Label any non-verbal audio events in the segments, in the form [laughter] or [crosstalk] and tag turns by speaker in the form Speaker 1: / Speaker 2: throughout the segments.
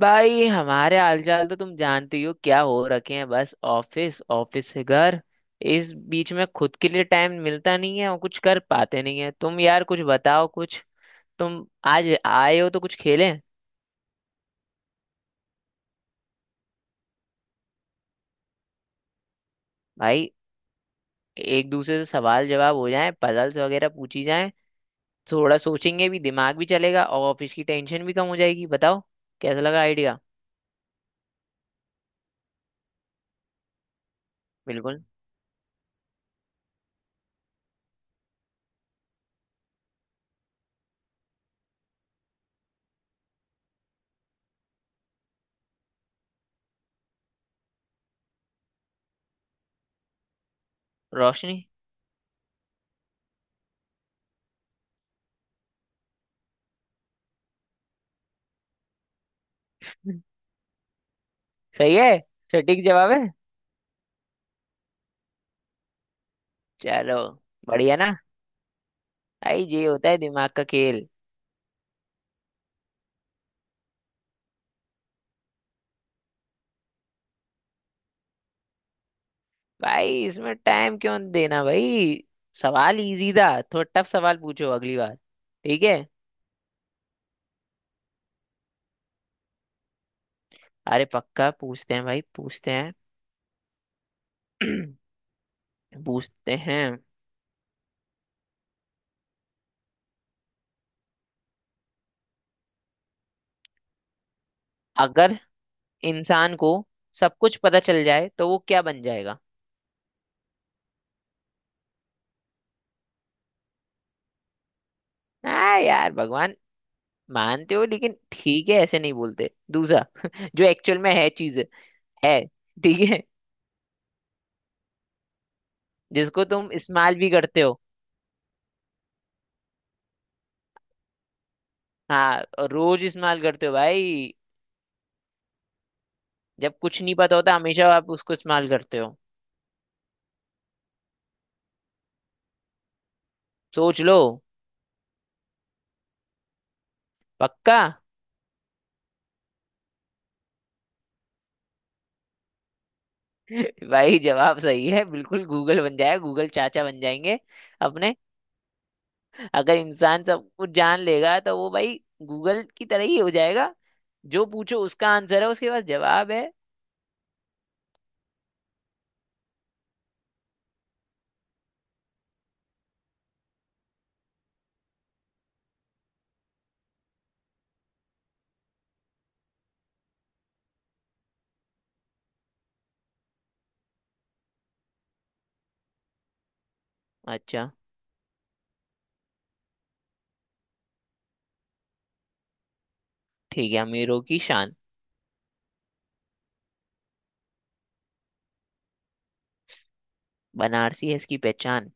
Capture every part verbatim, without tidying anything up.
Speaker 1: भाई हमारे हालचाल तो तुम जानते ही हो, क्या हो रखे हैं। बस ऑफिस ऑफिस से घर, इस बीच में खुद के लिए टाइम मिलता नहीं है और कुछ कर पाते नहीं है। तुम यार कुछ बताओ, कुछ तुम आज आए हो तो कुछ खेलें। भाई एक दूसरे से सवाल जवाब हो जाए, पजल्स वगैरह पूछी जाए। थोड़ा सोचेंगे भी, दिमाग भी चलेगा और ऑफिस की टेंशन भी कम हो जाएगी। बताओ, कैसा लगा आइडिया। बिल्कुल। रोशनी। [laughs] सही है। सटीक जवाब है। चलो। बढ़िया ना। भाई ये होता है दिमाग का खेल। भाई इसमें टाइम क्यों देना, भाई सवाल इजी था। थोड़ा टफ सवाल पूछो अगली बार। ठीक है। अरे पक्का पूछते हैं भाई, पूछते हैं। [clears throat] पूछते हैं। अगर इंसान को सब कुछ पता चल जाए तो वो क्या बन जाएगा। हाँ यार, भगवान मानते हो, लेकिन ठीक है ऐसे नहीं बोलते। दूसरा [laughs] जो एक्चुअल में है चीज है, ठीक है। जिसको तुम इस्तेमाल भी करते हो। हाँ, और रोज इस्तेमाल करते हो भाई। जब कुछ नहीं पता होता हमेशा आप उसको इस्तेमाल करते हो। सोच लो। पक्का। [laughs] भाई जवाब सही है, बिल्कुल गूगल बन जाएगा। गूगल चाचा बन जाएंगे अपने। अगर इंसान सब कुछ जान लेगा तो वो भाई गूगल की तरह ही हो जाएगा। जो पूछो उसका आंसर है, उसके पास जवाब है। अच्छा। ठीक है, अमीरों की शान। बनारसी है इसकी पहचान।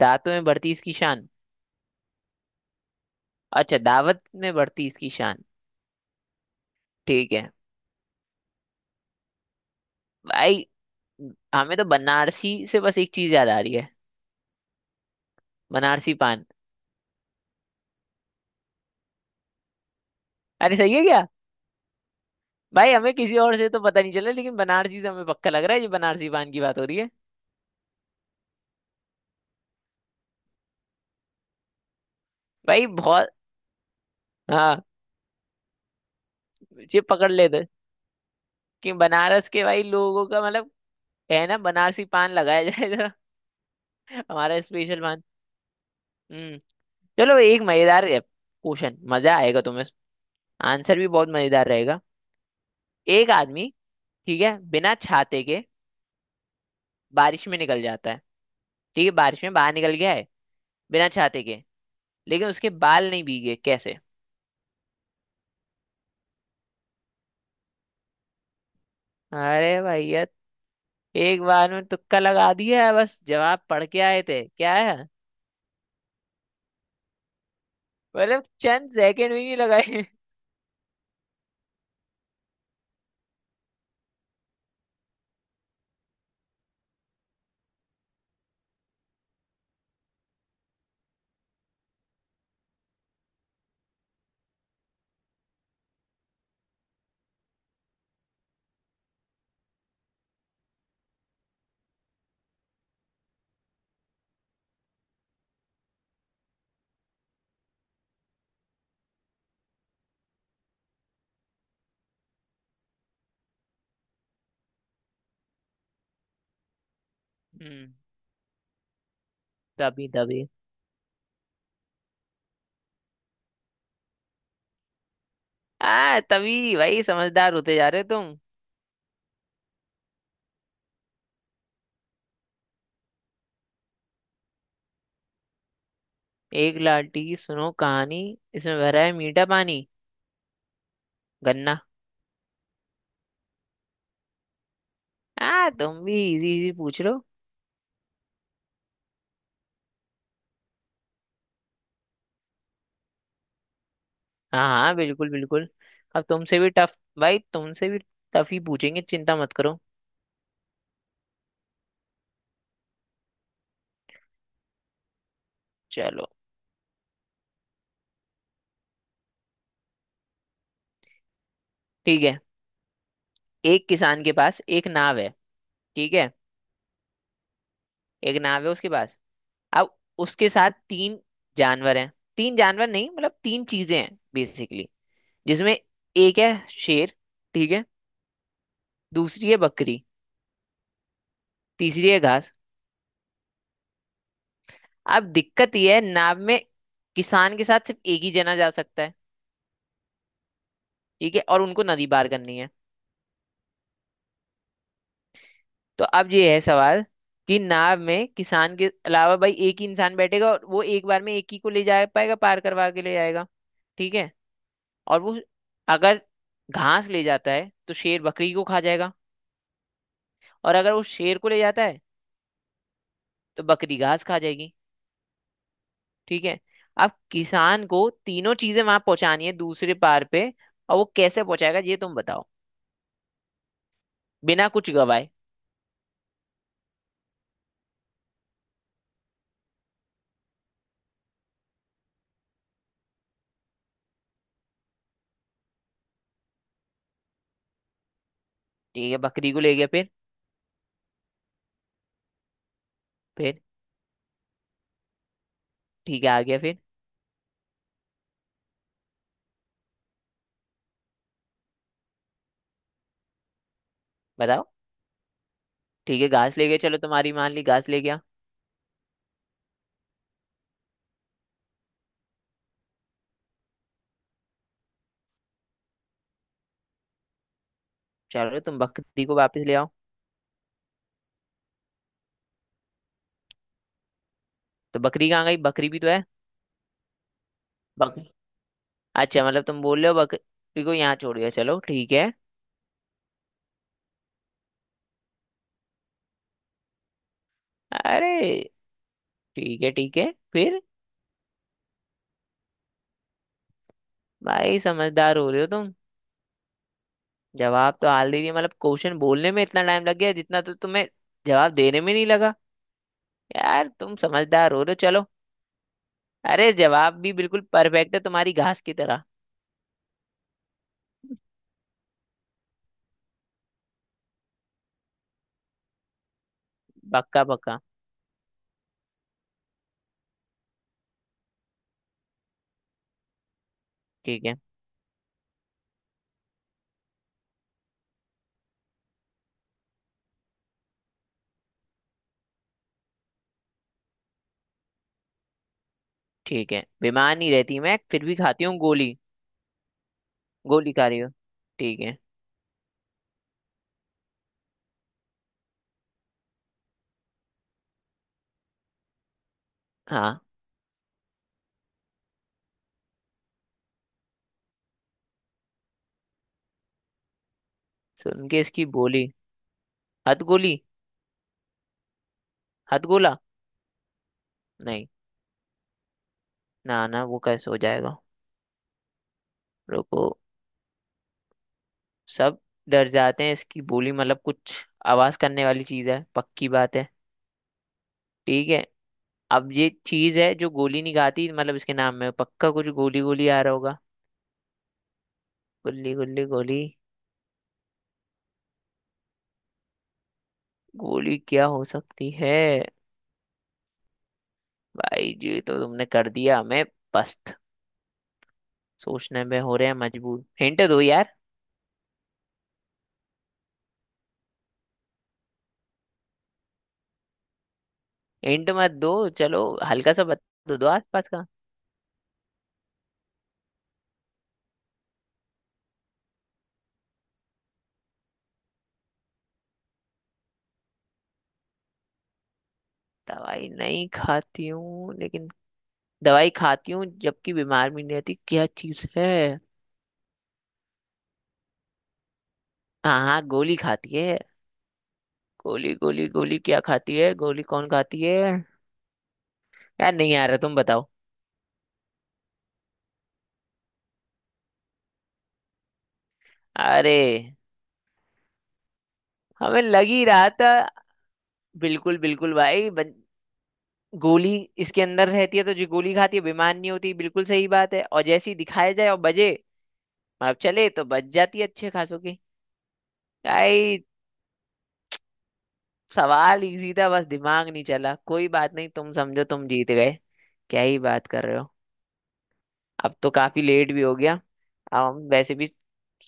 Speaker 1: दांतों में बढ़ती इसकी शान। अच्छा, दावत में बढ़ती इसकी शान। ठीक है। भाई हमें तो बनारसी से बस एक चीज याद आ रही है, बनारसी पान। अरे सही है क्या? भाई हमें किसी और से तो पता नहीं चला, लेकिन बनारसी से हमें पक्का लग रहा है ये बनारसी पान की बात हो रही है। भाई बहुत। हाँ, ये पकड़ लेते कि बनारस के भाई लोगों का मतलब, है ना। बनारसी पान लगाया जाए जरा। [laughs] हमारा स्पेशल पान। हम्म। चलो एक मजेदार क्वेश्चन, मजा आएगा तुम्हें। आंसर भी बहुत मजेदार रहेगा। एक आदमी, ठीक है, बिना छाते के बारिश में निकल जाता है। ठीक है, बारिश में बाहर निकल गया है बिना छाते के, लेकिन उसके बाल नहीं भीगे। कैसे। अरे भैया, एक बार में तुक्का लगा दिया है। बस जवाब पढ़ के आए थे क्या। है मतलब चंद सेकंड भी नहीं लगाए। हम्म। तभी तभी, आ तभी भाई, समझदार होते जा रहे हो तुम। एक लाठी की सुनो कहानी, इसमें भरा है मीठा पानी। गन्ना। आ तुम भी इजी इजी पूछ लो। हाँ हाँ, बिल्कुल बिल्कुल। अब तुमसे भी टफ भाई, तुमसे भी टफ ही पूछेंगे, चिंता मत करो। चलो। ठीक है। एक किसान के पास एक नाव है, ठीक है, एक नाव है उसके पास। अब उसके साथ तीन जानवर हैं, तीन जानवर नहीं मतलब तीन चीजें हैं बेसिकली, जिसमें एक है शेर, ठीक है, दूसरी है बकरी, तीसरी है घास। अब दिक्कत यह है, नाव में किसान के साथ सिर्फ एक ही जना जा सकता है, ठीक है, और उनको नदी पार करनी है। तो अब ये है सवाल, कि नाव में किसान के अलावा भाई एक ही इंसान बैठेगा और वो एक बार में एक ही को ले जा पाएगा, पार करवा के ले जाएगा। ठीक है। और वो अगर घास ले जाता है तो शेर बकरी को खा जाएगा, और अगर वो शेर को ले जाता है तो बकरी घास खा जाएगी, ठीक है। अब किसान को तीनों चीजें वहां पहुंचानी है दूसरे पार पे, और वो कैसे पहुंचाएगा ये तुम बताओ, बिना कुछ गवाए। ठीक है, बकरी को ले गया। फिर फिर ठीक है, आ गया फिर। बताओ। ठीक है, घास ले गया, चलो तुम्हारी मान ली, घास ले गया। चलो तुम बकरी को वापस ले आओ। तो बकरी कहाँ गई, बकरी भी तो है। बकरी। अच्छा, मतलब तुम बोल रहे हो बकरी को यहाँ छोड़ गया, चलो ठीक है। अरे ठीक है ठीक है फिर। भाई समझदार हो रहे हो तुम। जवाब तो हाल ही नहीं, मतलब क्वेश्चन बोलने में इतना टाइम लग गया जितना तो तुम्हें जवाब देने में नहीं लगा। यार तुम समझदार हो रहे हो। चलो। अरे जवाब भी बिल्कुल परफेक्ट है, तुम्हारी घास की तरह। पक्का पक्का। ठीक है। ठीक है, बीमार नहीं रहती मैं फिर भी खाती हूँ गोली। गोली खा रही हो, ठीक है। हाँ। सुन के इसकी बोली। हथ गोली। हथ गोला। नहीं, ना ना, वो कैसे हो जाएगा। रुको। सब डर जाते हैं इसकी बोली, मतलब कुछ आवाज करने वाली चीज है, पक्की बात है। ठीक है। अब ये चीज है जो गोली नहीं खाती, मतलब इसके नाम में पक्का कुछ गोली गोली आ रहा होगा। गुल्ली गुल्ली गोली। गोली क्या हो सकती है। भाई जी तो तुमने कर दिया हमें पस्त, सोचने में हो रहे हैं मजबूर, हिंट दो यार। हिंट मत दो, चलो हल्का सा बता दो आसपास का। दवाई नहीं खाती हूँ, लेकिन दवाई खाती हूँ जबकि बीमार भी नहीं रहती, क्या चीज है। हाँ हाँ, गोली खाती है। गोली गोली गोली क्या खाती है, गोली कौन खाती है। यार नहीं आ रहा, तुम बताओ। अरे हमें लग ही रहा था, बिल्कुल बिल्कुल भाई। बन- गोली इसके अंदर रहती है, तो जो गोली खाती है बेमान नहीं होती, बिल्कुल सही बात है, और जैसे ही दिखाया जाए और बजे मतलब चले तो बच जाती है अच्छे खासों की। भाई सवाल इजी था, बस दिमाग नहीं चला, कोई बात नहीं, तुम समझो तुम जीत गए। क्या ही बात कर रहे हो। अब तो काफी लेट भी हो गया, अब हम वैसे भी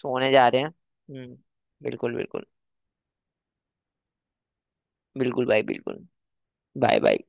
Speaker 1: सोने जा रहे हैं। हम्म। बिल्कुल बिल्कुल। बिल्कुल भाई बिल्कुल। Bye bye.